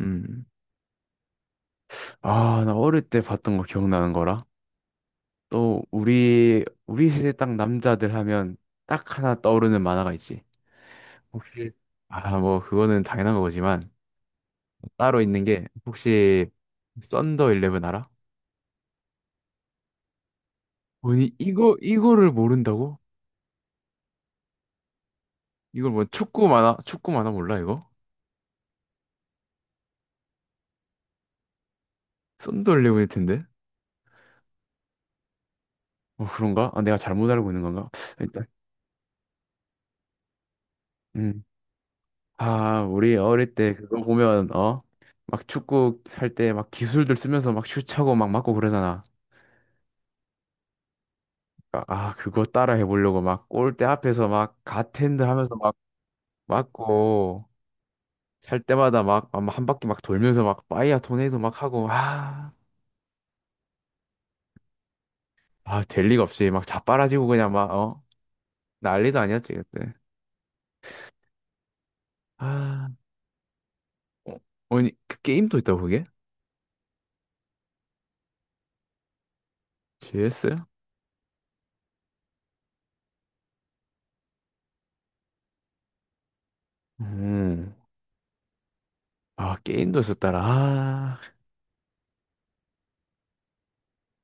음. 아, 나 어릴 때 봤던 거 기억나는 거라. 또 우리 세대 딱 남자들 하면 딱 하나 떠오르는 만화가 있지. 혹시 아, 뭐 그거는 당연한 거지만 따로 있는 게 혹시 썬더 일레븐 알아? 아니 이거를 모른다고? 이걸 뭐 축구 만화 몰라 이거? 썬더 일레븐일 텐데. 어 그런가? 아, 내가 잘못 알고 있는 건가? 일단 음. 아, 우리 어릴 때 그거 보면, 어? 막 축구 할 때 막 기술들 쓰면서 막 슛하고 막 맞고 그러잖아. 아, 아, 그거 따라 해보려고 막 골대 앞에서 막 갓핸드 하면서 막 맞고, 찰 때마다 막 한 바퀴 막 돌면서 막 파이어 토네이도 막 하고, 아, 아, 될 리가 없이 막 자빠라지고 그냥 막, 어? 난리도 아니었지, 그때. 아, 어, 아니, 그 게임도 있다고 그게? GS? 음, 아, 게임도 있었더라. 아,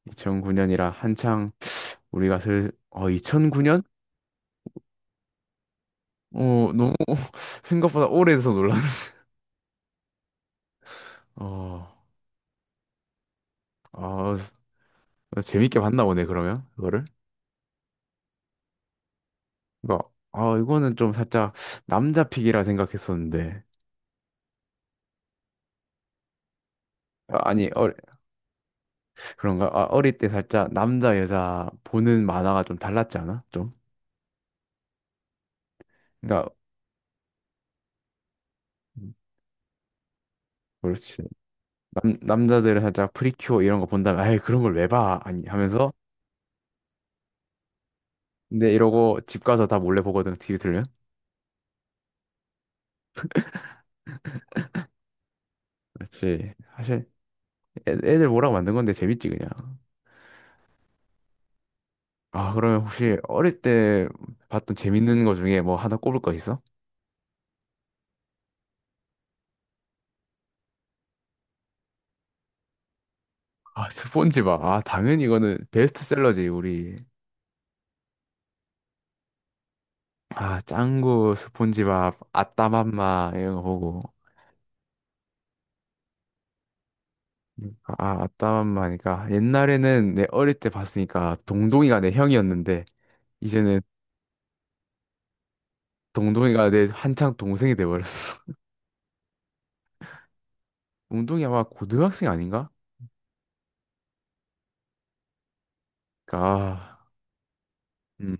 2009년이라 한창. 우리가 슬, 어, 2009년? 어, 너무 생각보다 오래돼서 놀랐네. 어, 아, 재밌게 봤나 보네, 그러면, 그거를. 그러니까, 아, 이거는 좀 살짝 남자 픽이라 생각했었는데. 아, 니 어, 그런가? 아, 어릴 때 살짝 남자, 여자 보는 만화가 좀 달랐지 않아? 좀? 그러니까, 음, 그렇지. 남자들은 살짝 프리큐어 이런 거 본다면, 아이, 그런 걸 왜 봐? 아니, 하면서. 근데 이러고 집 가서 다 몰래 보거든, TV 틀면. 그렇지. 사실 애들 보라고 만든 건데 재밌지, 그냥. 아, 그러면 혹시 어릴 때 봤던 재밌는 거 중에 뭐 하나 꼽을 거 있어? 아, 스폰지밥. 아, 당연히 이거는 베스트셀러지, 우리. 아, 짱구, 스폰지밥, 아따맘마, 이런 거 보고. 아, 아, 아따맘마니까. 옛날에는 내 어릴 때 봤으니까 동동이가 내 형이었는데, 이제는 동동이가 내 한창 동생이 돼버렸어. 동동이 아마 고등학생 아닌가? 아, 음.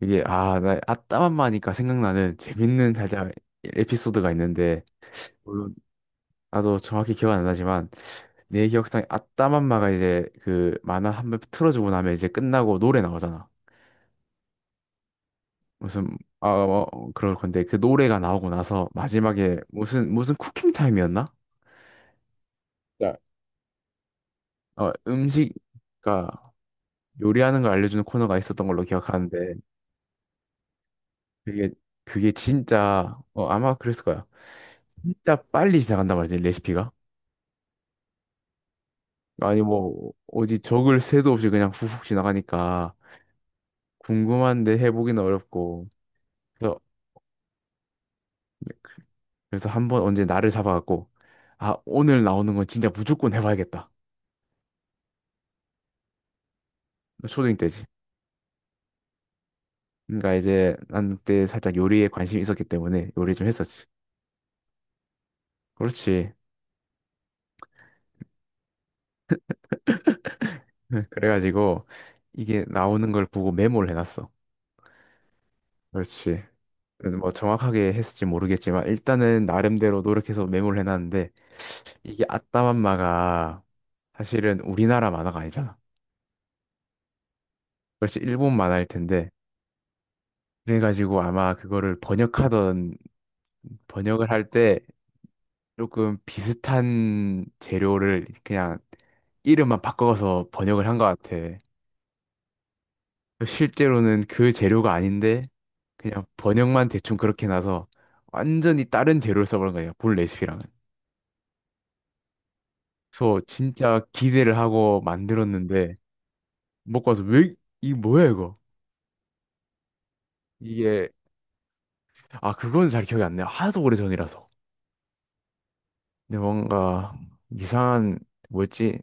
이게, 아, 나 아따맘마니까 생각나는 재밌는 살짝 에피소드가 있는데, 물론 나도 정확히 기억은 안 나지만 내 기억상에 아따맘마가 이제 그 만화 한 번 틀어주고 나면 이제 끝나고 노래 나오잖아. 무슨 아 어, 그럴 건데 그 노래가 나오고 나서 마지막에 무슨 무슨 쿠킹 타임이었나? 자, 어 음식 그러니까 요리하는 걸 알려주는 코너가 있었던 걸로 기억하는데 그게 그게 진짜 어 아마 그랬을 거야. 진짜 빨리 지나간단 말이지 레시피가. 아니 뭐 어디 적을 새도 없이 그냥 훅훅 지나가니까 궁금한데 해보기는 어렵고. 그래서 그- 그래서 한 번 언제 나를 잡아갖고 아 오늘 나오는 건 진짜 무조건 해봐야겠다. 초딩 때지. 그러니까 이제 난 그때 살짝 요리에 관심이 있었기 때문에 요리 좀 했었지. 그렇지. 네, 그래가지고 이게 나오는 걸 보고 메모를 해놨어. 그렇지. 그래도 뭐 정확하게 했을지 모르겠지만 일단은 나름대로 노력해서 메모를 해놨는데 이게 아따맘마가 사실은 우리나라 만화가 아니잖아. 그렇지 일본 만화일 텐데 그래가지고 아마 그거를 번역하던 번역을 할때 조금 비슷한 재료를 그냥 이름만 바꿔서 번역을 한 것 같아. 실제로는 그 재료가 아닌데 그냥 번역만 대충 그렇게 나서 완전히 다른 재료를 써버린 거예요. 본 레시피랑은. 그래서 진짜 기대를 하고 만들었는데 먹고 와서 왜, 이 뭐야 이거? 이게 아 그건 잘 기억이 안 나요. 하도 오래전이라서. 근데 뭔가 이상한 뭐였지?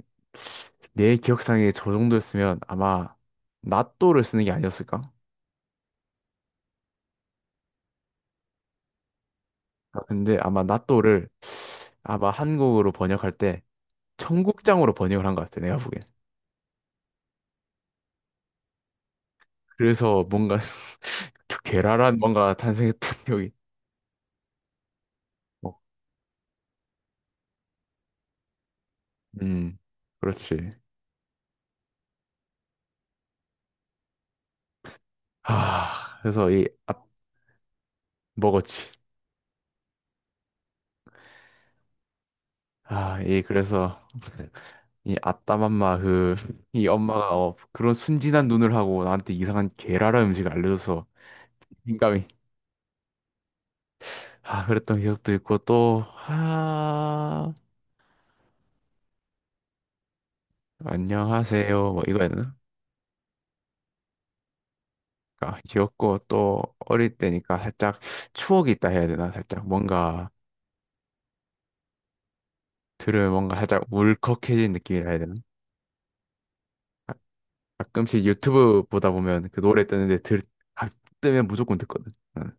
내 기억상에 저 정도였으면 아마 낫또를 쓰는 게 아니었을까? 근데 아마 나또를 아마 한국어로 번역할 때 청국장으로 번역을 한 것 같아, 내가 보기엔. 그래서 뭔가 좀 괴랄한 뭔가 탄생했던 기억이. 어, 음, 그렇지. 아, 그래서 이 아, 먹었지. 아, 이 그래서 이 아따맘마 그 이 엄마가 어, 그런 순진한 눈을 하고 나한테 이상한 괴랄한 음식을 알려줘서 민감히 아 그랬던 기억도 있고 또 아 안녕하세요 뭐 이거였나? 그러니까 귀엽고 또 어릴 때니까 살짝 추억이 있다 해야 되나? 살짝 뭔가 들으면 뭔가 살짝 울컥해진 느낌이라 해야 되나? 가- 가끔씩 유튜브 보다 보면 그 노래 뜨는데 들, 아, 뜨면 무조건 듣거든. 응.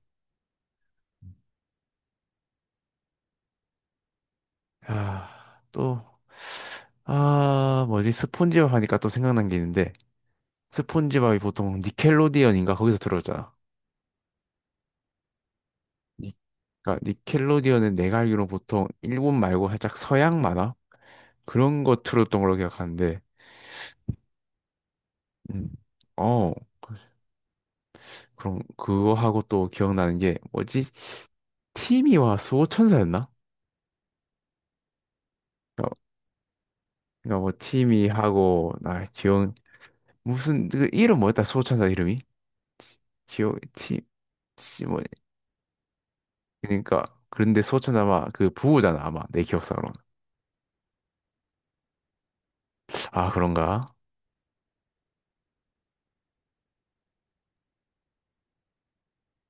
아, 또, 아, 뭐지? 스폰지밥 하니까 또 생각난 게 있는데, 스폰지밥이 보통 니켈로디언인가? 거기서 들었잖아. 니- 그러니까 니켈로디언은 내가 알기로 보통 일본 말고 살짝 서양 만화? 그런 거 틀었던 걸로 기억하는데, 음. 어, 그럼 그거 하고 또 기억나는 게 뭐지? 티미와 수호천사였나? 그러니까 그러니까 뭐 티미하고 나 기억 무슨 그 이름 뭐였다? 수호천사 이름이? 지- 기억 티 씨, 뭐 그러니까 그런데 수호천사 아마 그 부호잖아 아마 내 기억상으로. 아 그런가?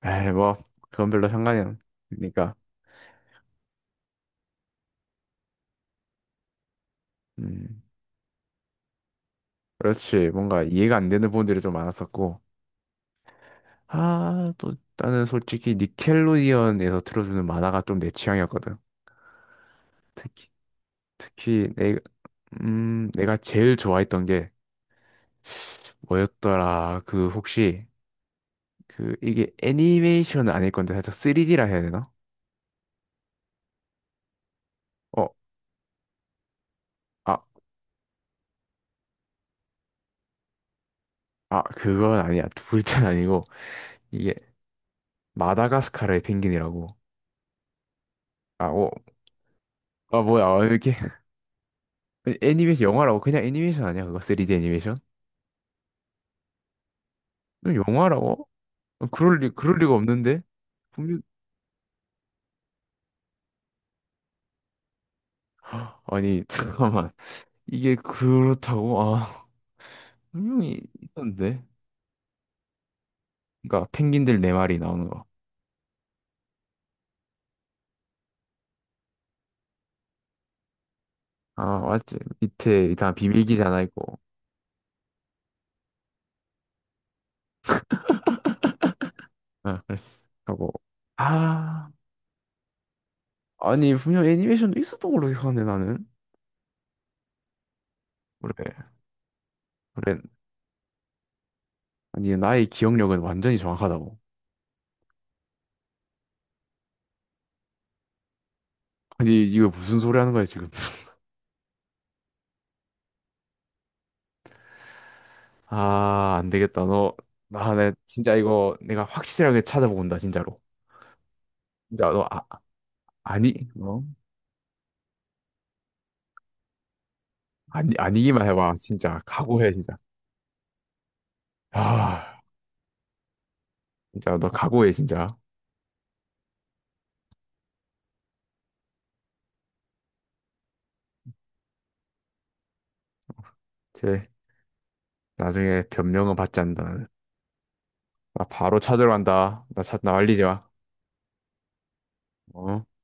에이 뭐 그건 별로 상관이 없러니까 음 그렇지 뭔가 이해가 안 되는 부분들이 좀 많았었고. 아, 또 나는 솔직히 니켈로디언에서 틀어주는 만화가 좀 내 취향이었거든. 특히 특히 내 내가 제일 좋아했던 게 뭐였더라? 그 혹시 그 이게 애니메이션은 아닐 건데 살짝 3D라 해야 되나? 어, 아, 아, 그건 아니야. 둘째 아니고 이게 마다가스카르의 펭귄이라고. 아, 어, 아 뭐야? 아, 이렇게 애니메이션 영화라고 그냥 애니메이션 아니야? 그거 3D 애니메이션? 그럼 영화라고? 어, 그럴 리가 없는데. 분명- 아니, 잠깐만. 이게 그렇다고? 아, 분명히 있던데. 그러니까 펭귄들 네 마리 나오는 거. 아, 맞지. 밑에 다 비밀기지 하나 있고. 아, 그랬어. 하고. 아, 아니, 분명 애니메이션도 있었던 걸로 기억하는데, 나는. 그래, 그래. 아니, 나의 기억력은 완전히 정확하다고. 아니, 이거 무슨 소리 하는 거야, 지금. 아, 안 되겠다. 너, 나, 내 진짜 이거 내가 확실하게 찾아본다, 진짜로. 진짜 너, 아, 아니, 어? 아니, 아니기만 해봐. 진짜. 각오해, 진짜. 아. 진짜 너 각오해 진짜. 쟤 나중에 변명은 받지 않는다. 나는. 나 바로 찾으러 간다. 나 나 말리지 마. 어?